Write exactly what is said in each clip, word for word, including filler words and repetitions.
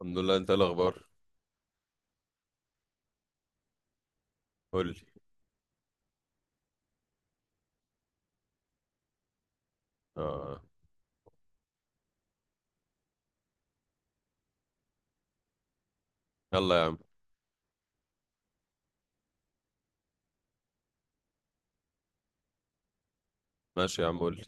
الحمد لله، انت ايه الاخبار؟ قول لي. اه. يلا يا عم. ماشي يا عم، قول لي.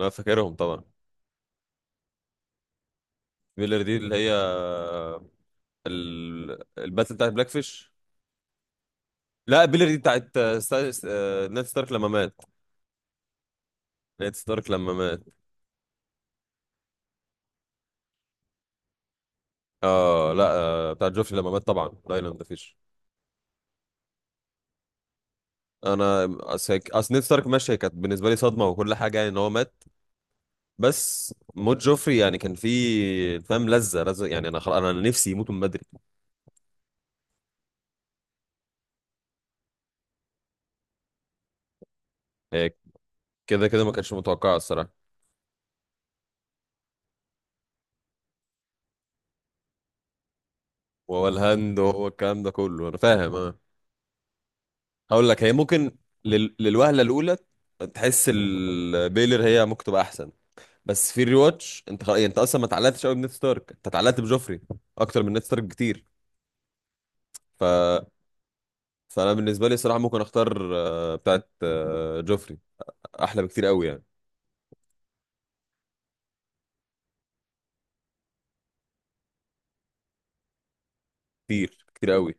انا فاكرهم طبعا. بيلر دي اللي هي ال... الباتل بتاعت بلاك فيش. لا، بيلر دي بتاعت آه، ستا... س- آه، نed ستارك لما مات. نed ستارك لما مات. اه لا، آه، بتاعت جوفري لما مات طبعا، دايلاند فيش. انا اصل هيك- أصل نed ستارك. ماشي، هي كانت بالنسبه لي صدمه وكل حاجه، يعني ان هو مات. بس موت جوفري يعني كان فيه فاهم لذه لذه، يعني انا خلاص، انا نفسي يموت من بدري. هيك. كده كده ما كانش متوقع الصراحه. وهو الهاند وهو الكلام ده كله انا فاهم، اه. هقول لك هي ممكن لل... للوهله الاولى تحس البيلر هي ممكن تبقى احسن. بس في الريواتش انت خ... يعني انت اصلا ما اتعلقتش قوي بنيد ستارك، انت اتعلقت بجوفري اكتر من نيد ستارك بكتير. ف فانا بالنسبه لي الصراحه ممكن اختار آه، بتاعت آه، جوفري، احلى بكتير قوي يعني. كتير كتير قوي.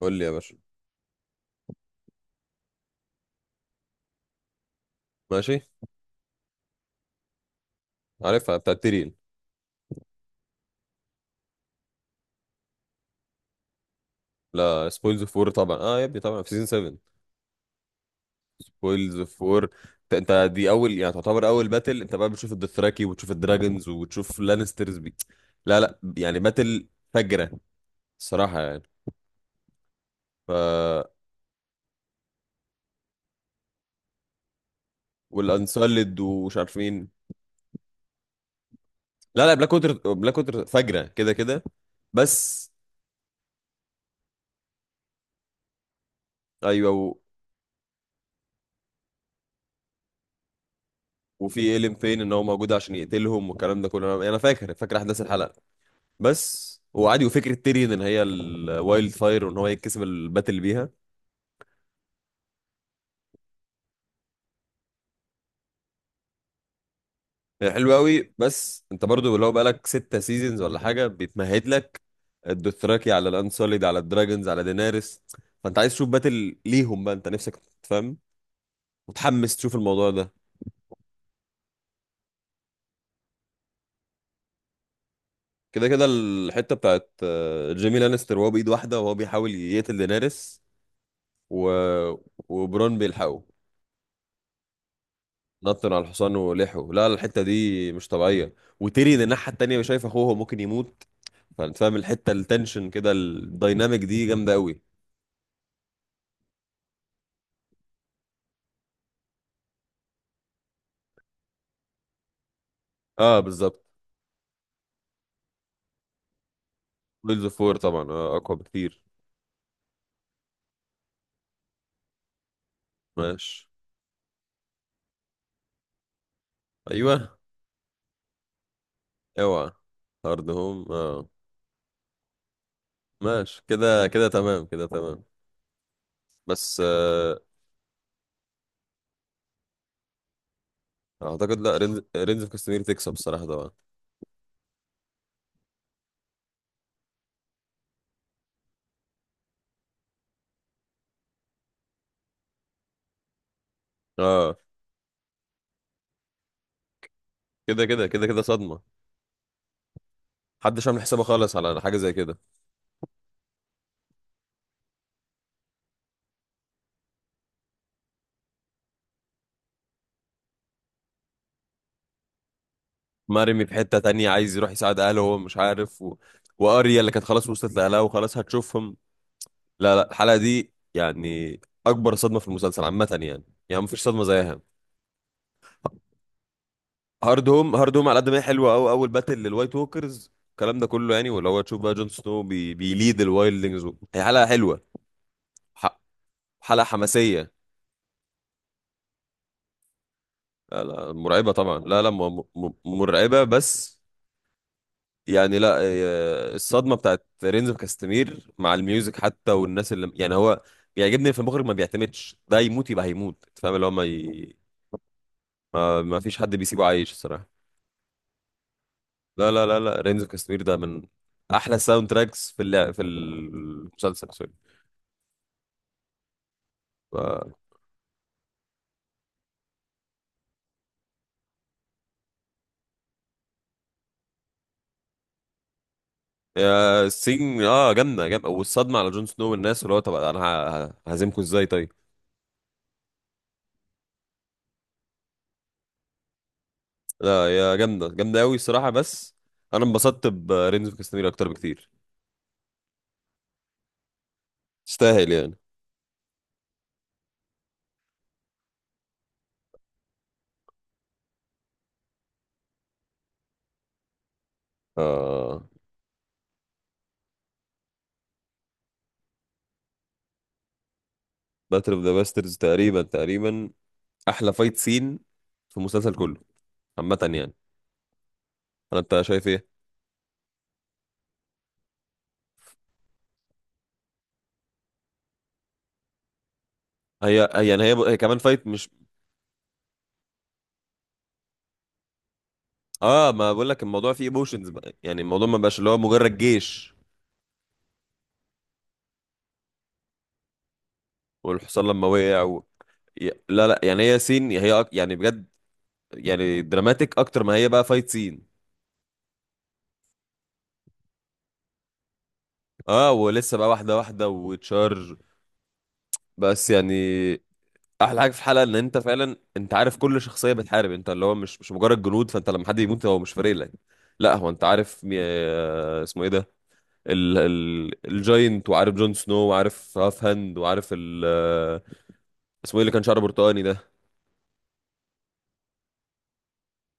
قول لي يا باشا. ماشي. عارفها، بتاعت تيرين. لا، سبويلز اوف وور طبعا، اه يا ابني طبعا في سيزون سيفن. ويلز اوف وور. انت أنت دي اول، يعني تعتبر اول باتل انت بقى بتشوف الدثراكي وبتشوف الدراجونز وبتشوف لانسترز، بي لا لا، يعني باتل فجرة الصراحة يعني. ف والانسولد ومش عارف مين. لا لا، بلاك ووتر بلاك ووتر فجرة كده كده. بس. ايوه، و... وفي ايلين فين ان هو موجود عشان يقتلهم والكلام ده كله، انا أنا فاكر فاكر احداث الحلقة. بس وعادي، وفكرة تيريون ان هي الوايلد فاير وان هو يتكسب الباتل بيها. هي حلوة قوي، بس انت برضو لو بقالك ستة سيزونز ولا حاجة بيتمهد لك الدوثراكي على الانسوليد على الدراجونز على دينارس، فانت عايز تشوف باتل ليهم بقى. انت نفسك تفهم، متحمس تشوف الموضوع ده. كده كده الحتة بتاعت آه، جيمي لانستر وهو بإيد واحدة وهو بيحاول يقتل دينارس، و... وبرون بيلحقه. نطن على الحصان ولحقه. لا، الحتة دي مش طبيعية، وتيريون الناحية التانية شايف اخوه ممكن يموت، فانت فاهم الحتة، التنشن كده الدايناميك دي جامدة قوي. اه، بالظبط. ويلز اوف وور طبعا، آه، اقوى بكتير. ماشي. ايوه. اوعى. هارد هوم، اه. ماشي كده كده، تمام كده تمام. بس آه اعتقد لا، رينز رينز اوف كاستمير تكسب الصراحه طبعا. اه، كده كده كده كده صدمه. محدش عامل حسابه خالص على حاجه زي كده. مرمي في حته تانية، عايز يروح يساعد اهله وهو مش عارف، و... واريا اللي كانت خلاص وصلت لاهلها وخلاص هتشوفهم. لا لا، الحلقه دي يعني اكبر صدمه في المسلسل عامه يعني. يعني مفيش صدمه زيها. هارد هوم هارد هوم على قد ما هي حلوه قوي، اول باتل للوايت ووكرز الكلام ده كله يعني، واللي هو تشوف بقى جون سنو بي... بيليد الوايلدنجز، و... هي حلقه حلوه. ح... حلقه حماسيه. لا لا، مرعبه طبعا، لا لا، م... م... مرعبه بس يعني. لا، آه، الصدمه بتاعت رينز كاستمير مع الميوزك حتى، والناس اللي يعني هو بيعجبني في المخرج، ما بيعتمدش ده يموت يبقى هيموت. أنت فاهم، اللي هو ما, ي... ما... ما فيش حد بيسيبه عايش الصراحه. لا لا لا لا، رينز كاستمير ده من احلى ساوند تراكس في اللع... في المسلسل. ف... يا سين، اه جامده جامده، والصدمه على جون سنو والناس، اللي هو طب انا ه- ه- ههزمكم ازاي طيب. لا، يا جامده جامده قوي الصراحه، بس انا انبسطت برينز اوف كاستمير اكتر بكتير. تستاهل يعني. آه. باتل اوف ذا باسترز تقريبا تقريبا احلى فايت سين في المسلسل كله عامه يعني. انا انت شايف ايه؟ هي هي يعني، هي, هي كمان فايت، مش. اه، ما بقول لك الموضوع فيه ايموشنز بقى، يعني الموضوع ما بقاش اللي هو مجرد جيش. والحصان لما وقع، و... ي- لا لا يعني، هي سين هي أك- يعني بجد، يعني دراماتيك اكتر ما هي بقى فايت سين. اه، ولسه بقى واحده واحده وتشارج، بس يعني احلى حاجه في الحلقه ان انت فعلا انت عارف كل شخصيه بتحارب، انت اللي هو مش مش مجرد جنود، فانت لما حد يموت هو مش فارق لك. لا، هو انت عارف مي... آه، اسمه ايه ده، ال... ال... الجاينت، وعارف جون سنو، وعارف هاف هاند، وعارف ال... آه، اسمه ايه اللي كان شعره برتقاني ده.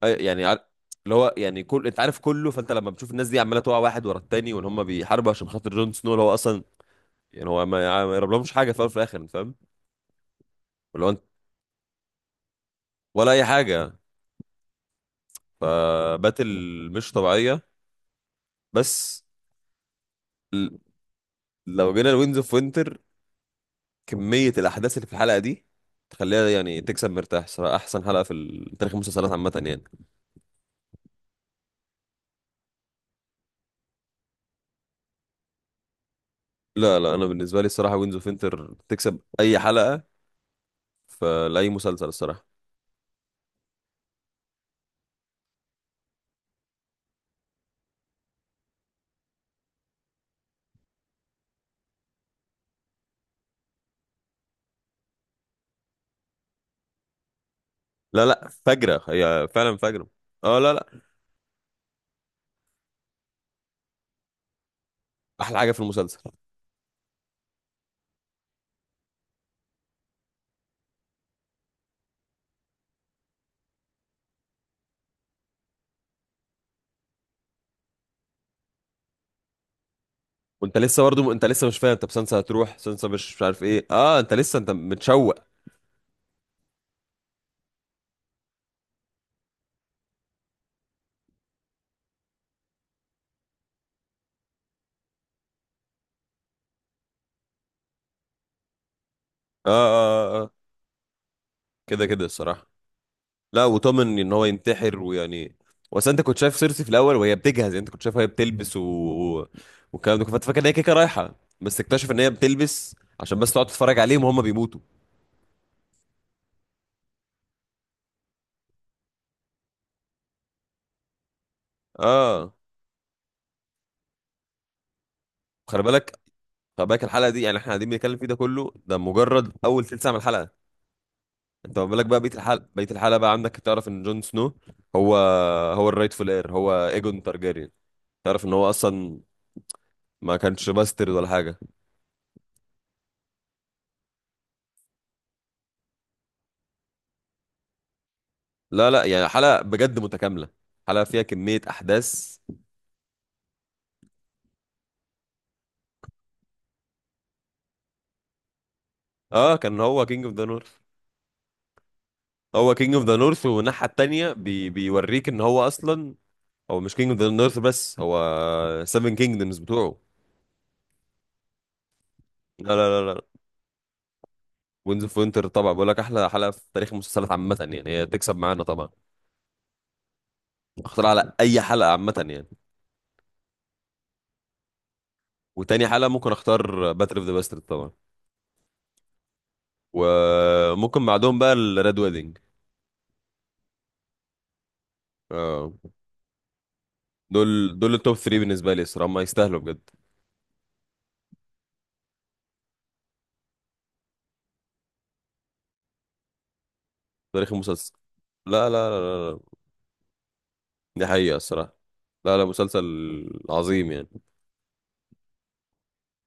أي- يعني عارف، اللي هو يعني كل انت عارف كله، فانت لما بتشوف الناس دي عماله تقع واحد ورا التاني وان هم بيحاربوا عشان خاطر جون سنو، اللي هو اصلا يعني هو ما ما يقربلهمش حاجه في الاول وفي الاخر، انت فاهم؟ ولا انت، ولا اي حاجه. فباتل مش طبيعيه، بس. ل- لو جينا لوينز اوف وينتر، كميه الاحداث اللي في الحلقه دي تخليها يعني تكسب مرتاح صراحه، احسن حلقه في ال- تاريخ المسلسلات عامه يعني. لا لا، انا بالنسبه لي الصراحه وينز اوف وينتر تكسب اي حلقه في لاي مسلسل الصراحه. لا لا، فجره هي فعلا فجره. اه، لا لا، احلى حاجه في المسلسل. وانت لسه برضه، انت لسه مش فاهم، طب سانسا هتروح سانسا مش مش عارف ايه، اه انت لسه انت متشوق. اه اه اه، كده كده الصراحه. لا، وطمن ان هو ينتحر، ويعني، بس انت كنت شايف سيرسي في الاول وهي بتجهز، يعني انت كنت شايف وهي بتلبس، و... و- والكلام ده كنت فاكر ان هي كيكه رايحه، بس اكتشف ان هي بتلبس عشان بس تقعد تتفرج عليهم وهم بيموتوا. اه، خلي بالك، خلي بالك الحلقه دي يعني، احنا قاعدين بنتكلم فيه ده كله ده مجرد اول ثلث ساعه من الحلقه، انت ما بالك بقى بقيه الحلقه بقيه الحلقه بقى عندك، تعرف ان جون سنو هو هو الرايتفul اير، هو ايجون تارجيريان، تعرف ان هو اصلا ما كانش باسترد ولا حاجه. لا لا، يعني حلقة بجد متكاملة، حلقة فيها كمية أحداث. اه، كان هو كينج اوف ذا نورث. هو كينج اوف ذا نورث، والناحية التانية بي بيوريك ان هو اصلا هو مش كينج اوف ذا نورث، بس هو سيفن كينجدمز بتوعه. لا لا لا لا، وينز اوف وينتر طبعا، بقول لك احلى حلقة في تاريخ المسلسلات عامة يعني، هي تكسب معانا طبعا. اختار على اي حلقة عامة يعني. وتاني حلقة ممكن اختار باتل اوف ذا باسترد طبعا، وممكن بعدهم بقى الريد ويدنج. اه، دول دول التوب ثري بالنسبة لي الصراحة، هم يستاهلوا بجد. تاريخ المسلسل. لا لا لا لا لا. دي حقيقة الصراحة. لا لا، مسلسل عظيم يعني.